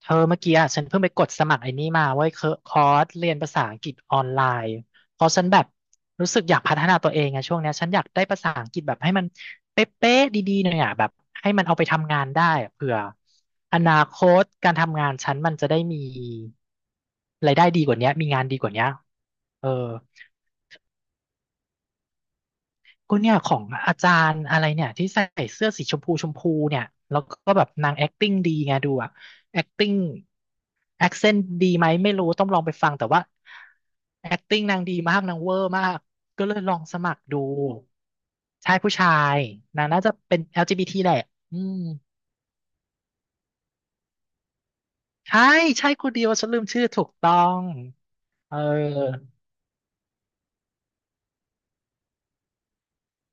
เธอเมื่อกี้อ่ะฉันเพิ่งไปกดสมัครไอ้นี่มาเว้ยเคอคอร์สเรียนภาษาอังกฤษออนไลน์เพราะฉันแบบรู้สึกอยากพัฒนาตัวเองไงช่วงเนี้ยฉันอยากได้ภาษาอังกฤษแบบให้มันเป๊ะๆดีๆหน่อยอ่ะแบบให้มันเอาไปทำงานได้อะเผื่ออนาคตการทำงานฉันมันจะได้มีรายได้ดีกว่าเนี้ยมีงานดีกว่าเนี้ยเออ ก็เนี่ยของอาจารย์อะไรเนี่ยที่ใส่เสื้อสีชมพูชมพูเนี่ยแล้วก็แบบนาง acting ดีไงดูอะ acting accent ดีไหมไม่รู้ต้องลองไปฟังแต่ว่า acting นางดีมากนางเวอร์มากก็เลยลองสมัครดูชายผู้ชายนางน่าจะเป็น LGBT แหละอืมใช่ใช่คนเดียวฉันลืมชื่อถูกต้องเออ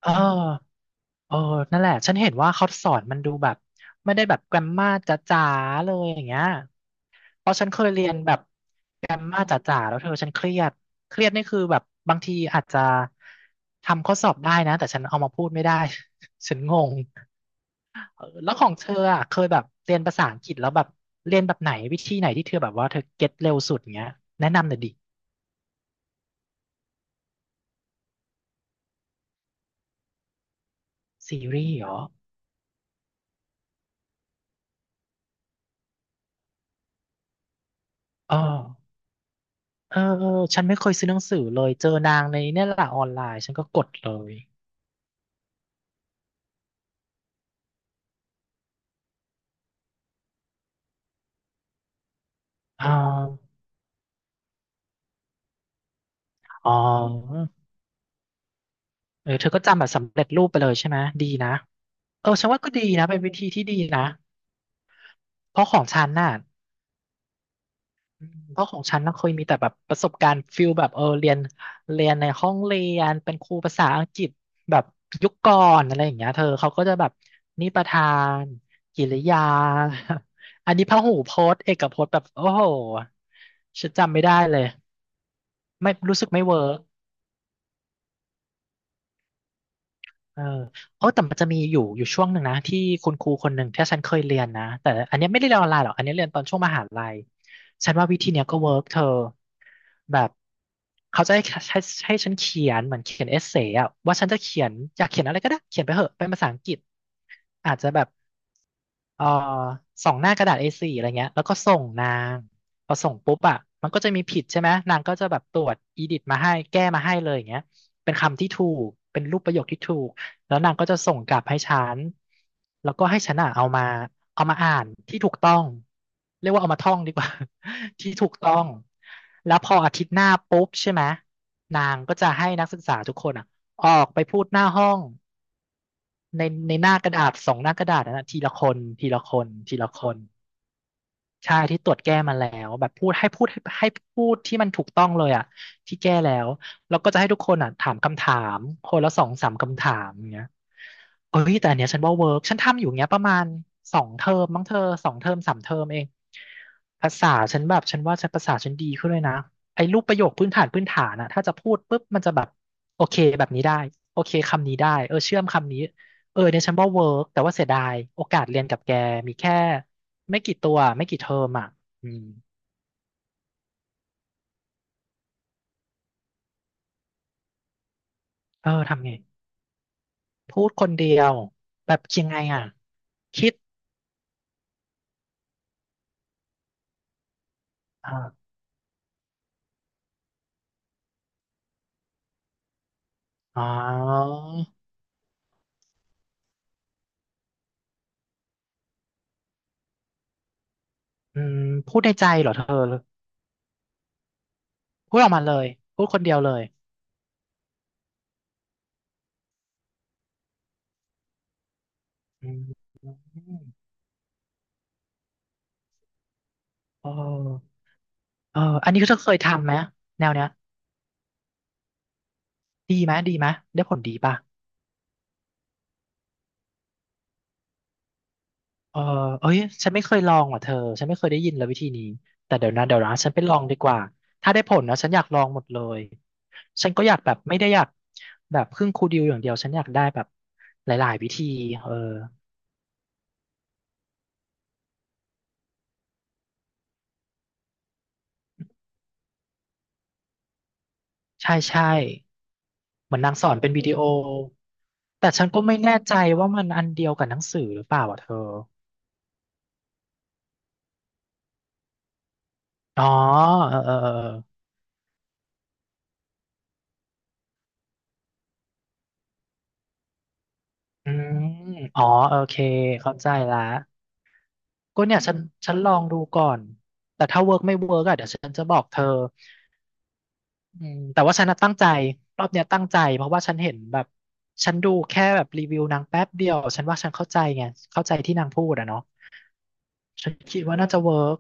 เออเออนั่นแหละฉันเห็นว่าเขาสอนมันดูแบบไม่ได้แบบแกรมมาจ๋าๆเลยอย่างเงี้ย เพราะฉันเคยเรียนแบบแกรมมาจ๋าๆแล้วเธอฉันเครียดเครียดนี่คือแบบบางทีอาจจะทำข้อสอบได้นะแต่ฉันเอามาพูดไม่ได้ ฉันงงเออแล้วของเธออ่ะเคยแบบเรียนภาษาอังกฤษแล้วแบบเรียนแบบไหนวิธีไหนที่เธอแบบว่าเธอเก็ตเร็วสุดเงี้ยแนะนำหน่อยดิซีรีส์เหรอเออเออเออฉันไม่เคยซื้อหนังสือเลยเจอนางในเนี่ยแหละออนไลน์ฉันก็กดเลยอ่าอ๋อเออเธอก็จำแบบสำเร็จรูปไปเลยใช่ไหมดีนะ เออฉันว่าก็ดีนะเป็นวิธีที่ดีนะเพราะของฉันน่ะอืมเพราะของฉันน่ะเคยมีแต่แบบประสบการณ์ฟิลแบบเออเรียนเรียนในห้องเรียนเป็นครูภาษาอังกฤษแบบยุคก่อนอะไรอย่างเงี้ยเธอเขาก็จะแบบนิประธานกิริยา อันนี้พหูพจน์เอกพจน์แบบโอ้โหฉันจำไม่ได้เลยไม่รู้สึกไม่เวิร์ก เออโอ้แต่มันจะมีอยู่ช่วงหนึ่งนะที่คุณครูคนหนึ่งที่ฉันเคยเรียนนะแต่อันเนี้ยไม่ได้เรียนออนไลน์หรอกอันเนี้ยเรียนตอนช่วงมหาลัยฉันว่าวิธีเนี้ยก็เวิร์กเธอแบบเขาจะให้ให้ฉันเขียนเหมือนเขียนเอเซ่อะว่าฉันจะเขียนอยากเขียนอะไรก็ได้เขียนไปเหอะเป็นภาษาอังกฤษอาจจะแบบเอ่อสองหน้ากระดาษ A4 อโฟร์อะไรเงี้ยแล้วก็ส่งนางพอส่งปุ๊บอะมันก็จะมีผิดใช่ไหมนางก็จะแบบตรวจอีดิทมาให้แก้มาให้เลยอย่างเงี้ยเป็นคำที่ถูกเป็นรูปประโยคที่ถูก แล้วนางก็จะส่งกลับให้ฉันแล้วก็ให้ฉันอ่ะเอามาอ่านที่ถูกต้อง เรียกว่าเอามาท่องดีกว่า ที่ถูกต้อง แล้วพออาทิตย์หน้าปุ๊บใช่ไหมนางก็จะให้นักศึกษาทุกคนอ่ะออกไปพูดหน้าห้องในในหน้ากระดาษสองหน้ากระดาษนนนะทีละคนทีละคนทีละคน ใช่ที่ตรวจแก้มาแล้วแบบพูดให้พูดให้ให้พูดที่มันถูกต้องเลยอ่ะที่แก้แล้วแล้วก็จะให้ทุกคนอ่ะถามคำถามคนละสองสามคำถามอย่างเงี้ยเอ้ยแต่อันเนี้ยฉันว่าเวิร์กฉันทำอยู่เงี้ยประมาณสองเทอมมั้งเธอสองเทอมสามเทอมเองภาษาฉันแบบฉันว่าฉันภาษาฉันดีขึ้นเลยนะไอ้รูปประโยคพื้นฐานพื้นฐานอ่ะถ้าจะพูดปุ๊บมันจะแบบโอเคแบบนี้ได้โอเคคำนี้ได้เออเชื่อมคำนี้เออเนี่ยฉันว่าเวิร์กแต่ว่าเสียดายโอกาสเรียนกับแกมีแค่ ไม่กี่ตัวไม่กี่เทอมอ่ะอืมเออทำไงพูดคนเดียวแบบยังไงอ่ะคิดอ่าอ๋ออืมพูดในใจเหรอเธอพูดออกมาเลยพูดคนเดียวเลยอืมเออเอออันนี้เธอเคยทำไหมแนวเนี้ยดีไหมดีไหมได้ผลดีป่ะ เออเอ้ยฉันไม่เคยลองว่ะเธอฉันไม่เคยได้ยินเลยวิธีนี้แต่เดี๋ยวนะเดี๋ยวนะฉันไปลองดีกว่าถ้าได้ผลนะฉันอยากลองหมดเลยฉันก็อยากแบบไม่ได้อยากแบบพึ่งครูดิวอย่างเดียว ฉันอยากได้แบบหลายๆวิธีเออใช่ใช่เหมือนนางสอนเป็นวิดีโอแต่ฉันก็ไม่แน่ใจว่ามันอันเดียวกับหนังสือหรือเปล่าอ่ะเธออ๋อเออเออเอออืมอ๋อโอเคเข้าใจละก็เนี่ยฉันลองดูก่อนแต่ถ้าเวิร์กไม่เวิร์กอ่ะเดี๋ยวฉันจะบอกเธอ อืมแต่ว่าฉันน่ะตั้งใจรอบเนี้ยตั้งใจเพราะว่าฉันเห็นแบบฉันดูแค่แบบรีวิวนางแป๊บเดียวฉันว่าฉันเข้าใจไงเข้าใจที่นางพูดอะเนาะฉันคิดว่าน่าจะเวิร์ก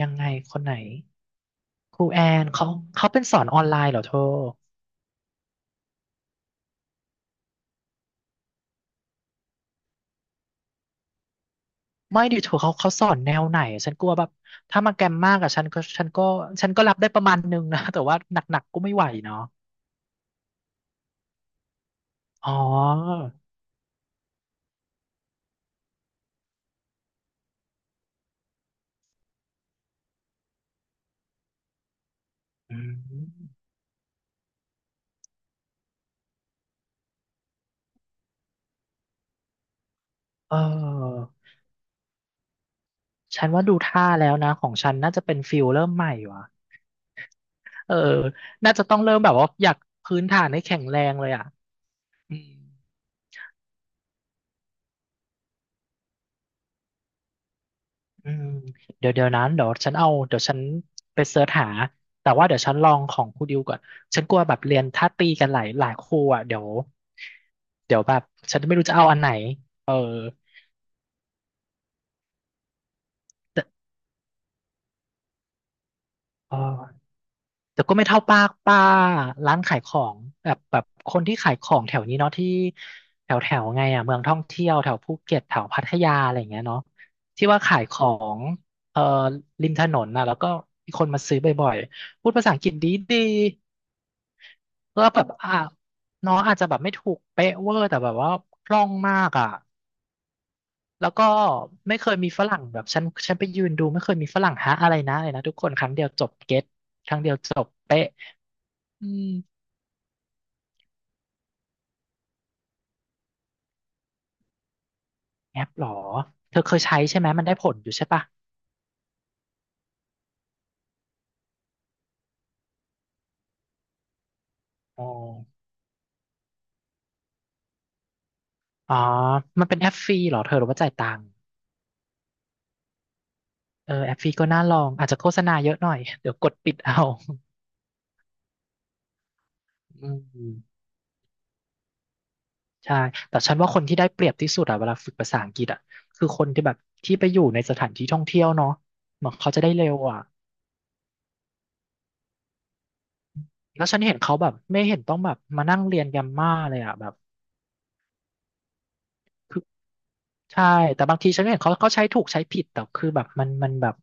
ยังไงคนไหนครูแอนเขาเป็นสอนออนไลน์เหรอเธอไม่ดิเธอเขาสอนแนวไหนฉันกลัวแบบถ้ามาแกรมมากอะฉันก็รับได้ประมาณนึงนะ แต่ว่าหนักๆก็ไม่ไหวเนาะอ๋ออืมเออฉันว่าดูท่าแล้วนะของฉันน่าจะเป็นฟิลเริ่มใหม่วะ เออน่าจะต้องเริ่มแบบว่าอยากพื้นฐานให้แข็งแรงเลยอ่ะอืมอืมเดี๋ยวเดี๋ยวนั้นเดี๋ยวฉันเอาเดี๋ยวฉันไปเสิร์ชหา แต่ว่าเดี๋ยวฉันลองของครูดิวก่อน ฉันกลัวแบบเรียนถ้าตีกันหลายหลายครูอ่ะเดี๋ยวแบบฉันไม่รู้จะเอาอันไหนเออแต่เออ แต่ก็ไม่เท่าป้าร้านขายของแบบคนที่ขายของแถวนี้เนาะที่แถวแถวไงอ่ะเมืองท่องเที่ยวแถวภูเก็ตแถวพัทยาอะไรอย่างเงี้ยเนาะที่ว่าขายของเอ่อริมถนนนะแล้วก็มีคนมาซื้อบ่อยๆพูดภาษาอังกฤษดีดีก็แบบอ่ะน้องอาจจะแบบไม่ถูกเป๊ะเวอร์แต่แบบว่าคล่องมากอ่ะแล้วก็ไม่เคยมีฝรั่งแบบฉันไปยืนดูไม่เคยมีฝรั่งฮะอะไรนะอะไรนะทุกคนครั้งเดียวจบเก็ตครั้งเดียวจบเป๊ะอืม แอปเหรอ เธอเคยใช้ใช่ไหมมันได้ผลอยู่ใช่ปะอ๋ออ๋อมันเป็นแอปฟรีเหรอเธอหรือว่าจ่ายตังค์เออแอปฟรีก็น่าลองอาจจะโฆษณาเยอะหน่อย เดี๋ยวกดปิดเอาอืมใช่แต่ฉันว่าคนที่ได้เปรียบที่สุดอะเวลาฝึกภาษาอังกฤษอะคือคนที่แบบที่ไปอยู่ในสถานที่ท่องเที่ยวเนาะเหมือนเขาจะได้เร็วอะแล้วฉันเห็นเขาแบบไม่เห็นต้องแบบมานั่งเรียนแกรมม่าเลยอะแบบคือ ใช่แต่บางทีฉันก็เห็นเขาใช้ถูกใช้ผิดแต่คือแบบ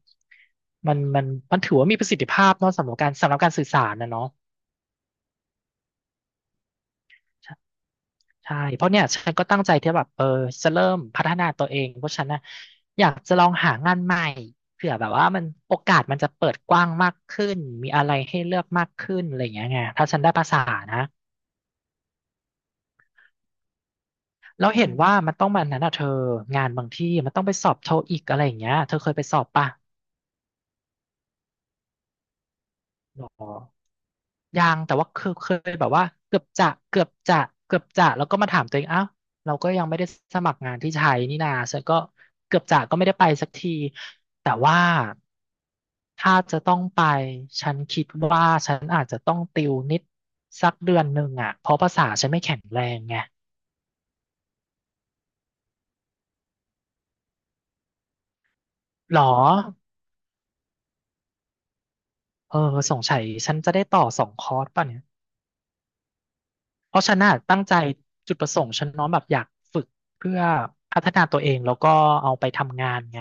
มันมันมันถือว่ามีประสิทธิภาพเนาะสำหรับการสื่อสารนะเนาะใช่ใช่เพราะเนี่ยฉันก็ตั้งใจที่แบบเออจะเริ่มพัฒนาตัวเองเพราะฉันนะอยากจะลองหางานใหม่เผื่อแบบว่ามันโอกาสมันจะเปิดกว้างมากขึ้นมีอะไรให้เลือกมากขึ้นอะไรอย่างเงี้ยไงถ้าฉันได้ภาษานะแล้วเห็นว่ามันต้องมันนั้นอ่ะเธองานบางที่มันต้องไปสอบโทอีกอะไรอย่างเงี้ยเธอเคยไปสอบป่ะหรอ ยังแต่ว่าเคยแบบว่าเกือบจะเกือบจะเกือบจะแล้วก็มาถามตัวเองอ้าวเราก็ยังไม่ได้สมัครงานที่ไทยนี่นาฉันก็เกือบจะก็ไม่ได้ไปสักทีแต่ว่าถ้าจะต้องไปฉันคิดว่าฉันอาจจะต้องติวนิดสักเดือนหนึ่งอ่ะเพราะภาษาฉันไม่แข็งแรงไงหรอเออสงสัยฉันจะได้ต่อสองคอร์สป่ะเนี่ยเพราะฉันน่ะตั้งใจจุดประสงค์ฉันเน้อมแบบอยากฝึกเพื่อพัฒนาตัวเองแล้วก็เอาไปทำงานไง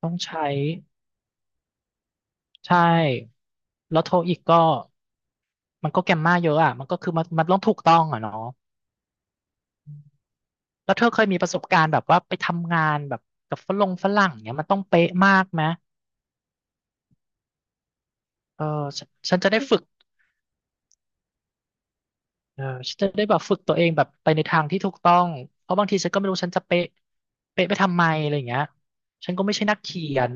ต้องใช้ใช่แล้วโทอีกก็มันก็แกมมาเยอะอ่ะมันก็คือมันต้องถูกต้องอ่ะเนาะอืมแล้วเธอเคยมีประสบการณ์แบบว่าไปทำงานแบบกับฝรั่งเนี่ยมันต้องเป๊ะมากไหมเออฉันจะได้ฝึกเออฉันจะได้แบบฝึกตัวเองแบบไปในทางที่ถูกต้องเพราะบางทีฉันก็ไม่รู้ฉันจะเป๊ะเป๊ะไปทำไมอะไรอย่างเงี้ยฉันก็ไม่ใช่นักเขียน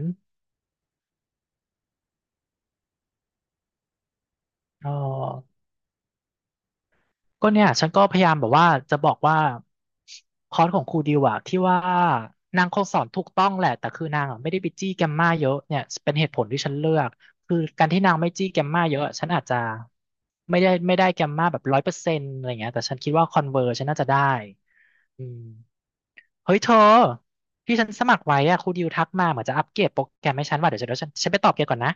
อ๋อ ก็เนี่ยฉันก็พยายามแบบว่าจะบอกว่าคอร์สของครูดิวอะที่ว่านางคงสอนถูกต้องแหละแต่คือนางอะไม่ได้ไปจี้แกมมาเยอะเนี่ยเป็นเหตุผลที่ฉันเลือกคือการที่นางไม่จี้แกมมาเยอะฉันอาจจะไม่ได้แกมมาแบบ100%อะไรเงี้ยแต่ฉันคิดว่าคอนเวอร์ฉันน่าจะได้อืมเฮ้ยเธอที่ฉันสมัครไว้อะครูดิวทักมาเหมือนจะอัปเกรดโปรแกรมให้ฉันว่าเดี๋ยวฉันไปตอบแกก่อนนะ